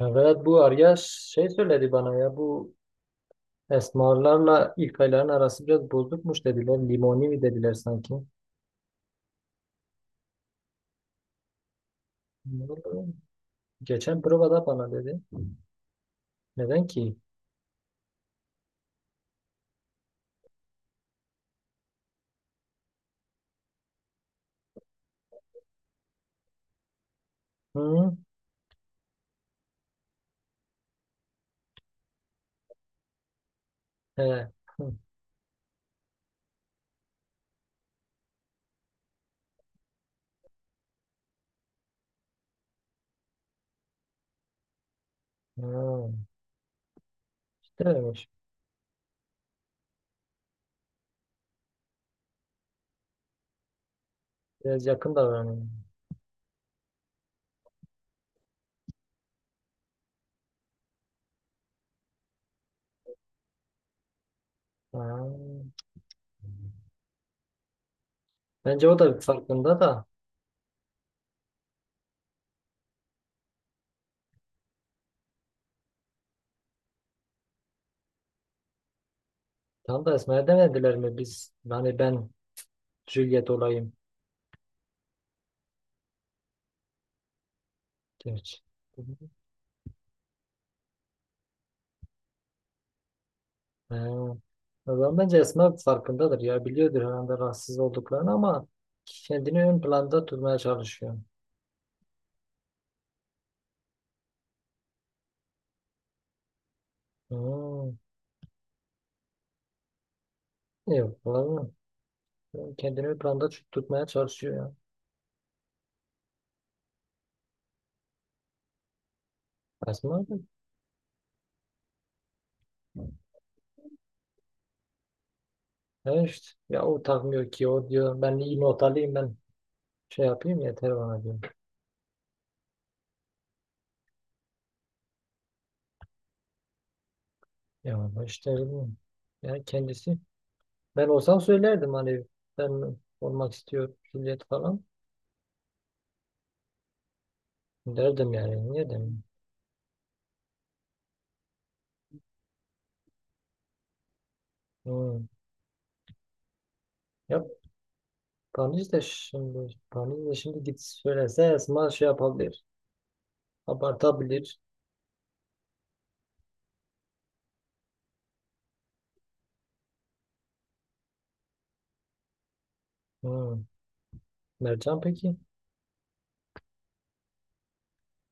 Evet bu arya şey söyledi bana ya bu esmarlarla ilk ayların arası biraz bozukmuş dediler. Limoni mi dediler sanki. Ne oldu? Geçen provada bana dedi. Neden ki? Hı? He. Hı. Ha. İşte öyleymiş. Biraz yakın davranıyor. Ha. Bence o da farkında da. Tam da Esma'ya demediler mi biz? Hani ben Juliet olayım. Gerçi. He. O zaman bence Esma farkındadır ya. Biliyordur herhalde rahatsız olduklarını ama kendini ön planda tutmaya çalışıyor. Hmm. Yok falan. Kendini ön planda tutmaya çalışıyor ya. Esma da. Ya işte. Ya o takmıyor ki o diyor. Ben iyi not alayım, ben şey yapayım yeter bana diyor. Ya ama işte bilmiyorum. Ya kendisi. Ben olsam söylerdim hani ben olmak istiyorum, hürriyet falan. Derdim yani. Niye demiyorum. Hmm. Ya Tanrıç da şimdi git söylese Esma şey yapabilir. Abartabilir. Hmm. Mercan peki?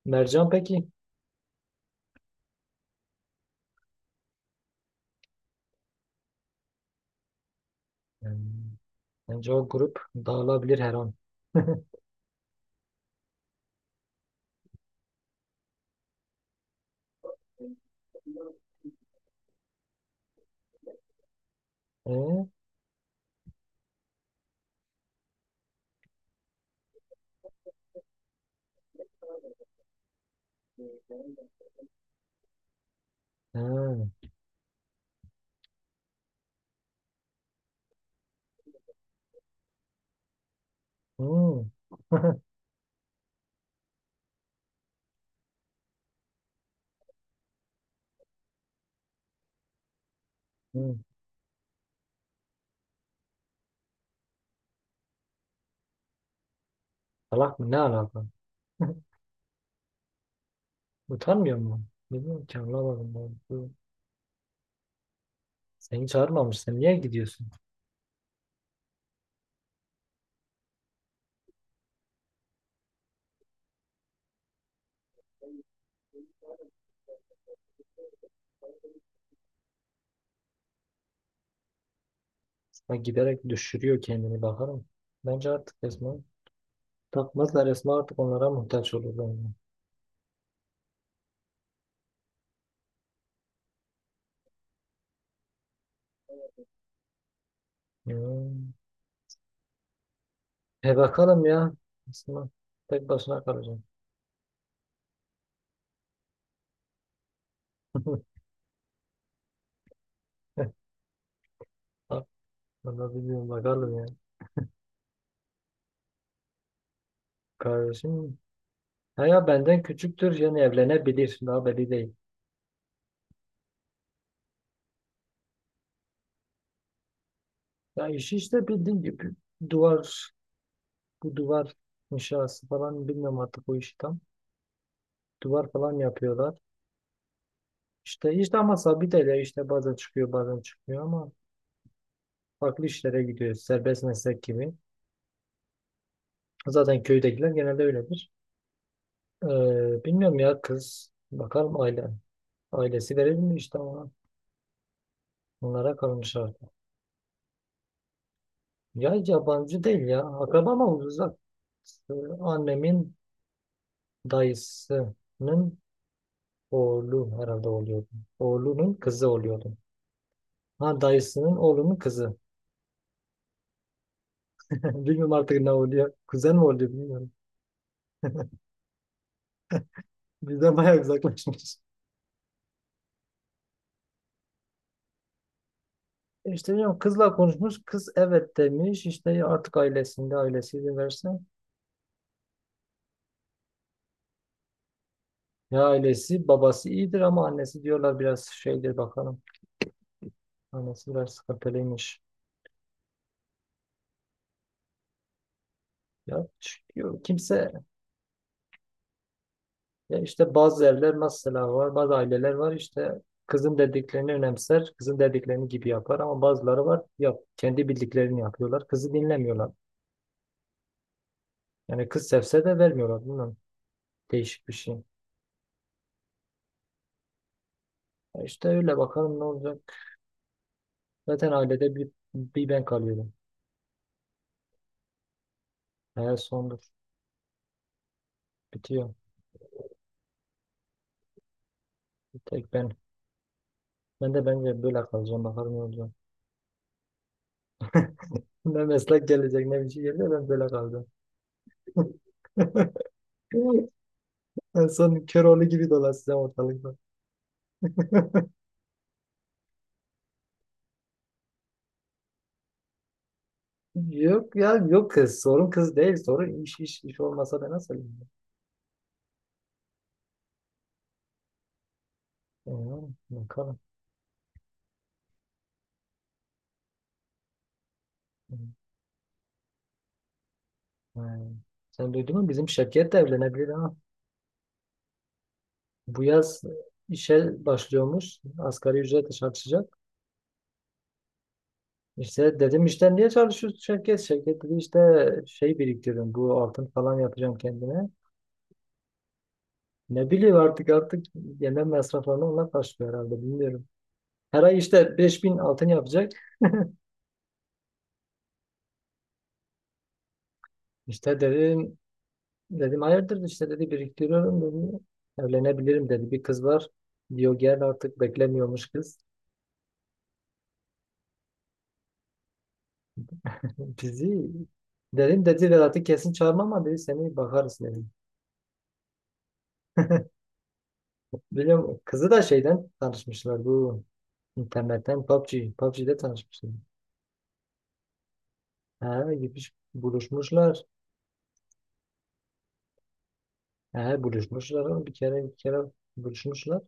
Mercan peki? Yani, bence o grup dağılabilir her an. Ee? Ha. Hmm. Hmm. Salak mı? Ne alaka? Utanmıyor mu? Bilmiyorum ki, anlamadım ben. Bu- Seni çağırmamış. Sen niye gidiyorsun? Esma giderek düşürüyor kendini, bakarım. Bence artık Esma takmazlar. Esma artık onlara muhtaç olur bence. Hmm. E bakalım ya. Aslında tek başına kalacağım. Vallahi bilmiyorum, bakalım ya. Kardeşim. Ha ya benden küçüktür yani evlenebilir. Daha belli değil. Ya işi işte bildiğin gibi duvar, bu duvar inşası falan, bilmiyorum artık o işi tam. Duvar falan yapıyorlar. İşte işte ama sabit ele, işte bazen çıkıyor bazen çıkmıyor ama farklı işlere gidiyor. Serbest meslek gibi. Zaten köydekiler genelde öyledir. Bilmiyorum ya kız. Bakalım aile. Ailesi verir mi işte ona? Bunlara kalmış artık. Ya yabancı değil ya. Akraba ama uzak. Ee, Annemin dayısının oğlu herhalde oluyordu. Oğlunun kızı oluyordu. Ha, dayısının oğlunun kızı. Bilmiyorum artık ne oluyor. Kuzen mi oluyor bilmiyorum. Bizden bayağı uzaklaşmış. E İşte bilmiyorum, kızla konuşmuş. Kız evet demiş. İşte artık ailesi izin verse. Ya ailesi, babası iyidir ama annesi diyorlar biraz şeydir, bakalım. Annesi biraz sıkıntılıymış. Ya çıkıyor. Kimse ya işte bazı evler mesela var, bazı aileler var, işte kızın dediklerini önemser, kızın dediklerini gibi yapar ama bazıları var yap, kendi bildiklerini yapıyorlar, kızı dinlemiyorlar. Yani kız sevse de vermiyorlar, bilmiyorum. Değişik bir şey. Ya işte öyle, bakalım ne olacak. Zaten ailede bir ben kalıyorum. Hayat sondur, bitiyor. Bir tek ben. Ben de bence böyle kalacağım, bakalım ne olacak. Ne meslek gelecek ne bir şey gelecek, ben böyle kalacağım. En son Köroğlu gibi dolaşacağım ortalıkta. Yok ya, yok kız. Sorun kız değil. Sorun iş, iş olmasa ben nasıl evlenirim? Bilmiyorum, bakalım. Hmm. Sen duydun mu? Bizim Şevket de evlenebilir ha. Bu yaz işe başlıyormuş. Asgari ücretle çalışacak. İşte dedim işte niye çalışıyorsun Şevket? Şevket dedi işte şey, biriktiriyorum. Bu altın falan yapacağım kendime. Ne bileyim artık, yemek masraflarını onlar karşılıyor herhalde. Bilmiyorum. Her ay işte 5000 altın yapacak. İşte dedim, dedim hayırdır, işte dedi biriktiriyorum dedi. Evlenebilirim dedi. Bir kız var. Diyor gel artık, beklemiyormuş kız. Bizi dedim, dedi Vedat'ı kesin çağırmam ama dedi seni bakarız dedim. Biliyorum, kızı da şeyden tanışmışlar, bu internetten, PUBG. PUBG'de tanışmışlar. Ha gitmiş buluşmuşlar. Ha buluşmuşlar oğlum. Bir kere buluşmuşlar.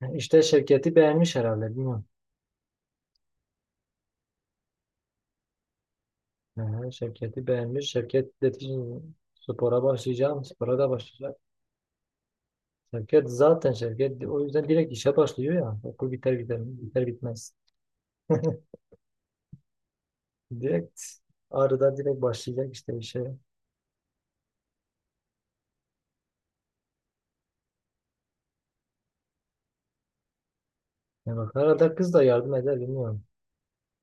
Ha, İşte Şevket'i beğenmiş herhalde, bilmiyorum. Ha, Şevket'i beğenmiş. Şevket dedi spora başlayacağım. Spora da başlayacağım. Şirket zaten, şirket o yüzden direkt işe başlıyor ya. Okul biter gider, biter bitmez. Direkt ağrıdan direkt başlayacak işte işe. Ya bak arada kız da yardım eder, bilmiyorum.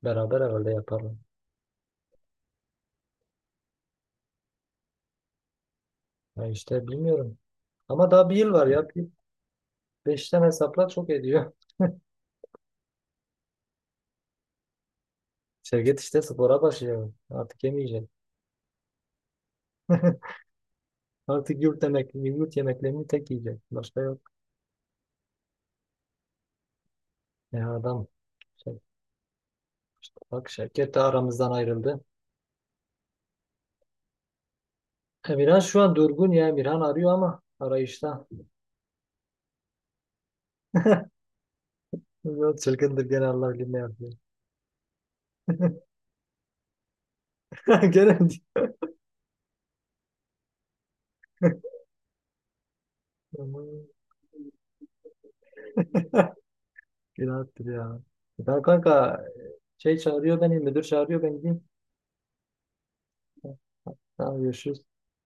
Beraber herhalde yaparlar. Ya işte bilmiyorum. Ama daha bir yıl var ya. Bir, beşten hesapla çok ediyor. Şirket işte spora başlıyor. Artık yemeyecek. Artık yurt yemek, yurt yemeklerini tek yiyecek. Başka yok. Ya adam şey, bak şirket de aramızdan ayrıldı. Emirhan şu an durgun ya. Emirhan arıyor ama arayışta. बहुत Çılgındır gene, Allah bilir ne yapıyor. Gene aman. günahtır ya. E tamam kanka, şey çağırıyor beni, müdür çağırıyor, ben gideyim. Tamam, görüşürüz.